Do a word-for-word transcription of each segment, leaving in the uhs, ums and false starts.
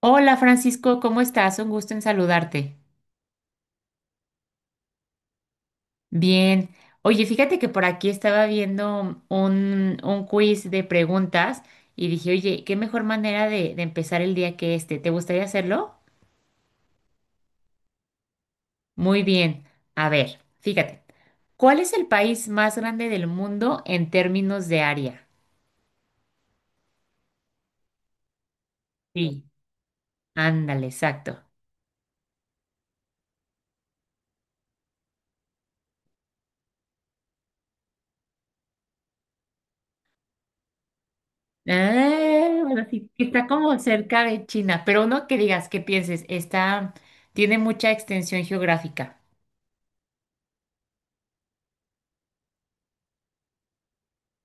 Hola Francisco, ¿cómo estás? Un gusto en saludarte. Bien. Oye, fíjate que por aquí estaba viendo un, un quiz de preguntas y dije, oye, qué mejor manera de, de empezar el día que este. ¿Te gustaría hacerlo? Muy bien. A ver, fíjate. ¿Cuál es el país más grande del mundo en términos de área? Sí. Ándale, exacto. Ah, bueno, sí, que está como cerca de China, pero no que digas que pienses, está, tiene mucha extensión geográfica.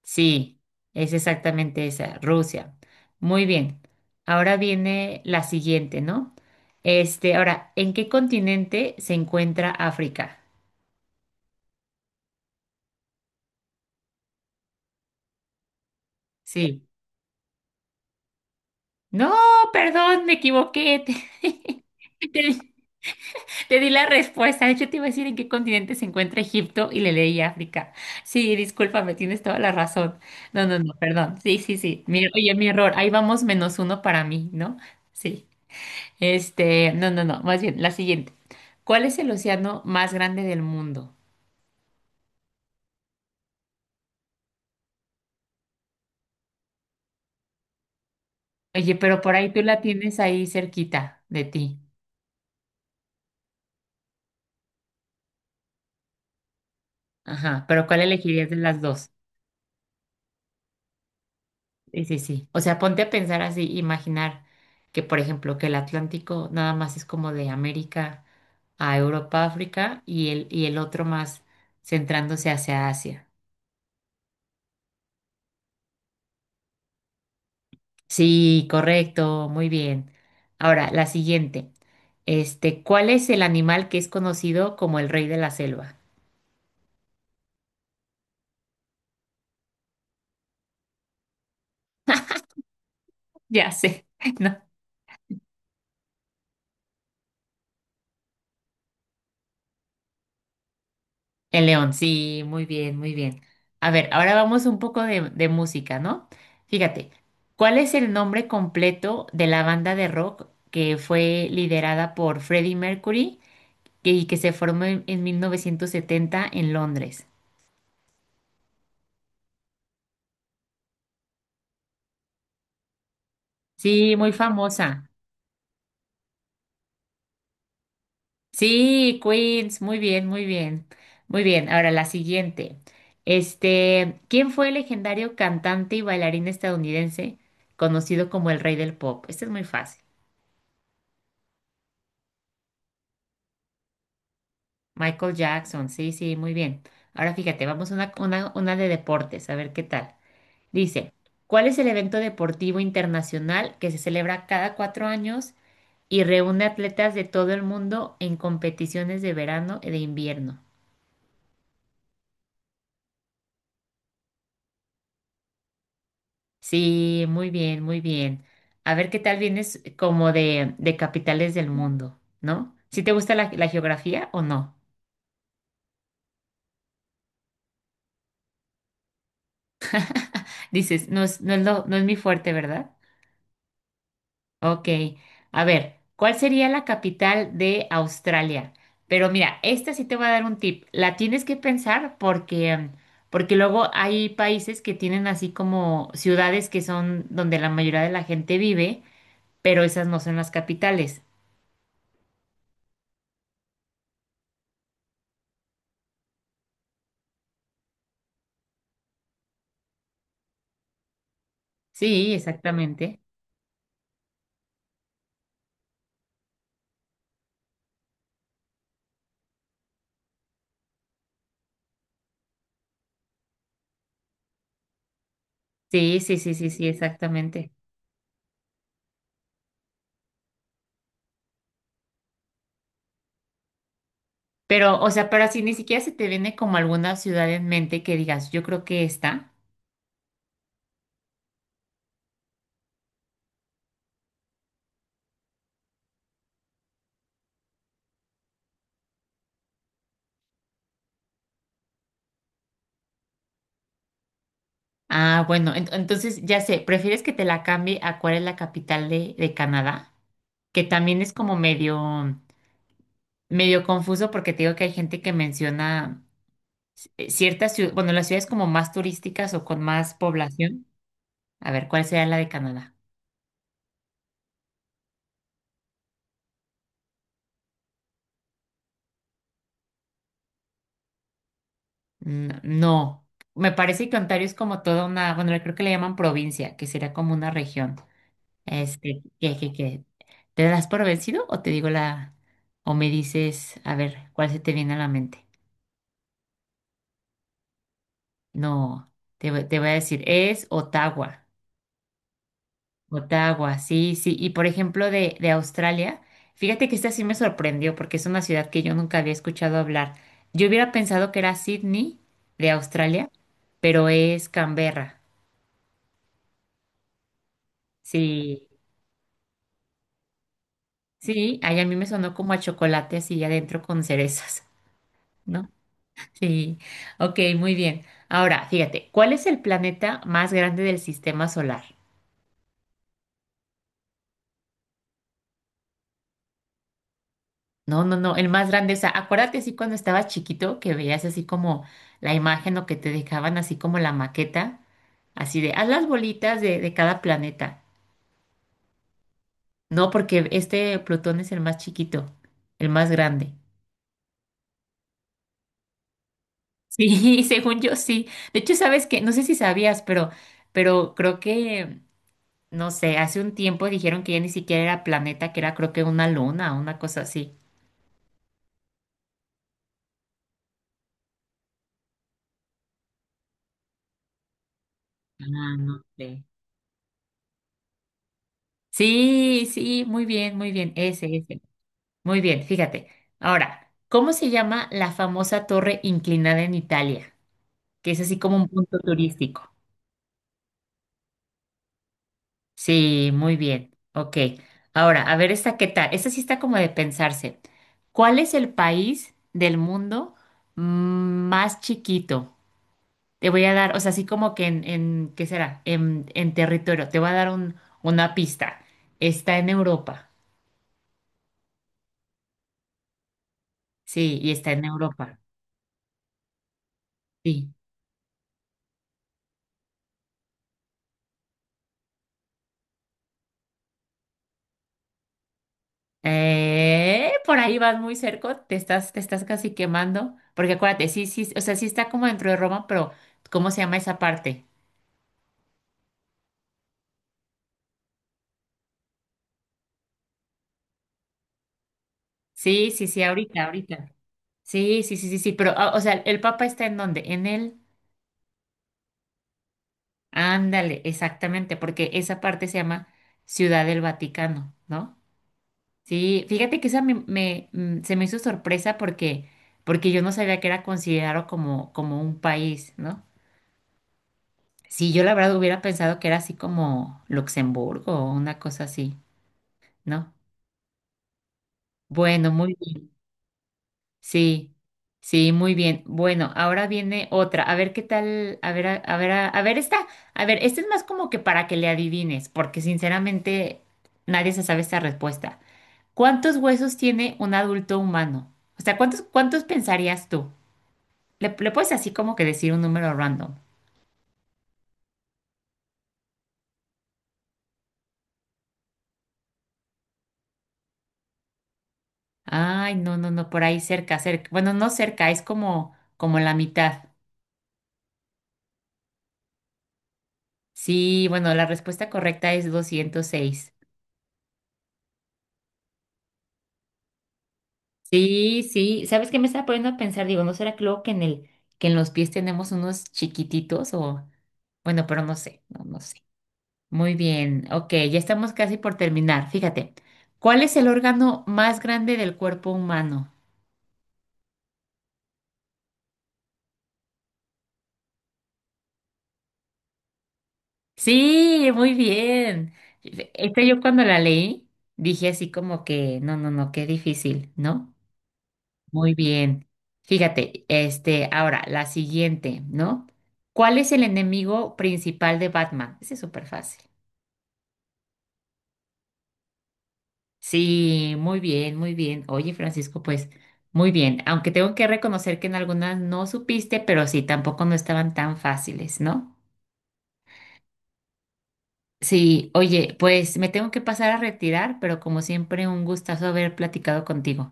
Sí, es exactamente esa, Rusia. Muy bien. Ahora viene la siguiente, ¿no? Este, ahora, ¿en qué continente se encuentra África? Sí. No, perdón, me equivoqué. Te, te di te di la respuesta. De hecho, te iba a decir en qué continente se encuentra Egipto y le leí África. Sí, discúlpame, tienes toda la razón. No, no, no, perdón. Sí, sí, sí. Mi- oye, mi error. Ahí vamos menos uno para mí, ¿no? Sí. Este, no, no, no, más bien, la siguiente. ¿Cuál es el océano más grande del mundo? Oye, pero por ahí tú la tienes ahí cerquita de ti. Ajá, pero ¿cuál elegirías de las dos? Sí, sí, sí. O sea, ponte a pensar así, imaginar que, por ejemplo, que el Atlántico nada más es como de América a Europa, África y el, y el otro más centrándose hacia Asia. Sí, correcto, muy bien. Ahora, la siguiente. Este, ¿cuál es el animal que es conocido como el rey de la selva? Ya sé, ¿no? El león, sí, muy bien, muy bien. A ver, ahora vamos un poco de, de música, ¿no? Fíjate, ¿cuál es el nombre completo de la banda de rock que fue liderada por Freddie Mercury que- y que se formó en, en mil novecientos setenta en Londres? Sí, muy famosa. Sí, Queens, muy bien, muy bien, muy bien. Ahora la siguiente. Este, ¿quién fue el legendario cantante y bailarín estadounidense conocido como el rey del pop? Este es muy fácil. Michael Jackson, sí, sí, muy bien. Ahora fíjate, vamos a una, una, una de deportes, a ver qué tal. Dice, ¿cuál es el evento deportivo internacional que se celebra cada cuatro años y reúne atletas de todo el mundo en competiciones de verano y de invierno? Sí, muy bien, muy bien. A ver qué tal vienes como de, de capitales del mundo, ¿no? ¿Sí te gusta la, la geografía o no? Dices, no es, no es lo- no es mi fuerte, ¿verdad? Ok. A ver, ¿cuál sería la capital de Australia? Pero mira, esta sí te voy a dar un tip. La tienes que pensar porque, mm, porque luego hay países que tienen así como ciudades que son donde la mayoría de la gente vive, pero esas no son las capitales. Sí, exactamente. Sí, sí, sí, sí, sí, exactamente. Pero, o sea, pero así ni siquiera se te viene como alguna ciudad en mente que digas, yo creo que esta. Ah, bueno, en- entonces ya sé, ¿prefieres que te la cambie a cuál es la capital de, de Canadá? Que también es como medio, medio confuso porque te digo que hay gente que menciona eh, ciertas ciudades, bueno, las ciudades como más turísticas o con más población. A ver, ¿cuál sería la de Canadá? No, no. Me parece que Ontario es como toda una, bueno, creo que le llaman provincia, que sería como una región. Este, ¿qué, qué, qué? ¿Te das por vencido o te digo la, o me dices, a ver, cuál se te viene a la mente? No, te, voy- te voy a decir, es Ottawa. Ottawa, sí, sí. Y por ejemplo, de, de Australia, fíjate que esta sí me sorprendió porque es una ciudad que yo nunca había escuchado hablar. Yo hubiera pensado que era Sydney de Australia, pero es Canberra. Sí, sí, ahí a mí me sonó como a chocolate así adentro con cerezas, ¿no? Sí, ok, muy bien. Ahora, fíjate, ¿cuál es el planeta más grande del sistema solar? No, no, no, el más grande. O sea, acuérdate así cuando estabas chiquito que veías así como la imagen o que te dejaban así como la maqueta, así de, haz las bolitas de, de cada planeta. No, porque este Plutón es el más chiquito, el más grande. Sí, según yo sí. De hecho, sabes que, no sé si sabías, pero, pero creo que no sé, hace un tiempo dijeron que ya ni siquiera era planeta, que era creo que una luna, una cosa así. Ah, no sé. Sí, sí, muy bien, muy bien, ese, ese. Muy bien, fíjate. Ahora, ¿cómo se llama la famosa torre inclinada en Italia? Que es así como un punto turístico. Sí, muy bien, ok. Ahora, a ver esta, ¿qué tal? Esta sí está como de pensarse. ¿Cuál es el país del mundo mm, más chiquito? Te voy a dar, o sea, así como que en, en ¿qué será? En, en territorio, te voy a dar un, una pista. Está en Europa. Sí, y está en Europa. Sí. Eh, por ahí vas muy cerca, te estás, te estás casi quemando. Porque acuérdate, sí, sí, o sea, sí está como dentro de Roma, pero ¿cómo se llama esa parte? Sí, sí, sí, ahorita, ahorita. Sí, sí, sí, sí, sí, pero, ah, o sea, ¿el Papa está en dónde? En el, ándale, exactamente, porque esa parte se llama Ciudad del Vaticano, ¿no? Sí, fíjate que esa me, me, mm, se me hizo sorpresa porque, porque yo no sabía que era considerado como, como un país, ¿no? Sí, yo la verdad hubiera pensado que era así como Luxemburgo o una cosa así, ¿no? Bueno, muy bien. Sí, sí, muy bien. Bueno, ahora viene otra. A ver qué tal, a ver, a, a ver, a, a ver esta. A ver, esta es más como que para que le adivines, porque sinceramente nadie se sabe esta respuesta. ¿Cuántos huesos tiene un adulto humano? O sea, ¿cuántos, cuántos pensarías tú? Le, le puedes así como que decir un número random. Ay, no, no, no, por ahí cerca, cerca. Bueno, no cerca, es como, como la mitad. Sí, bueno, la respuesta correcta es doscientos seis. Sí, sí. ¿Sabes qué me estaba poniendo a pensar? Digo, ¿no será que luego que en el, que en los pies tenemos unos chiquititos o, bueno, pero no sé, no, no sé. Muy bien, ok, ya estamos casi por terminar. Fíjate, ¿cuál es el órgano más grande del cuerpo humano? Sí, muy bien. Esta yo cuando la leí dije así como que, no, no, no, qué difícil, ¿no? Muy bien. Fíjate, este, ahora, la siguiente, ¿no? ¿Cuál es el enemigo principal de Batman? Ese es súper fácil. Sí, muy bien, muy bien. Oye, Francisco, pues, muy bien. Aunque tengo que reconocer que en algunas no supiste, pero sí, tampoco no estaban tan fáciles, ¿no? Sí, oye, pues me tengo que pasar a retirar, pero como siempre, un gustazo haber platicado contigo.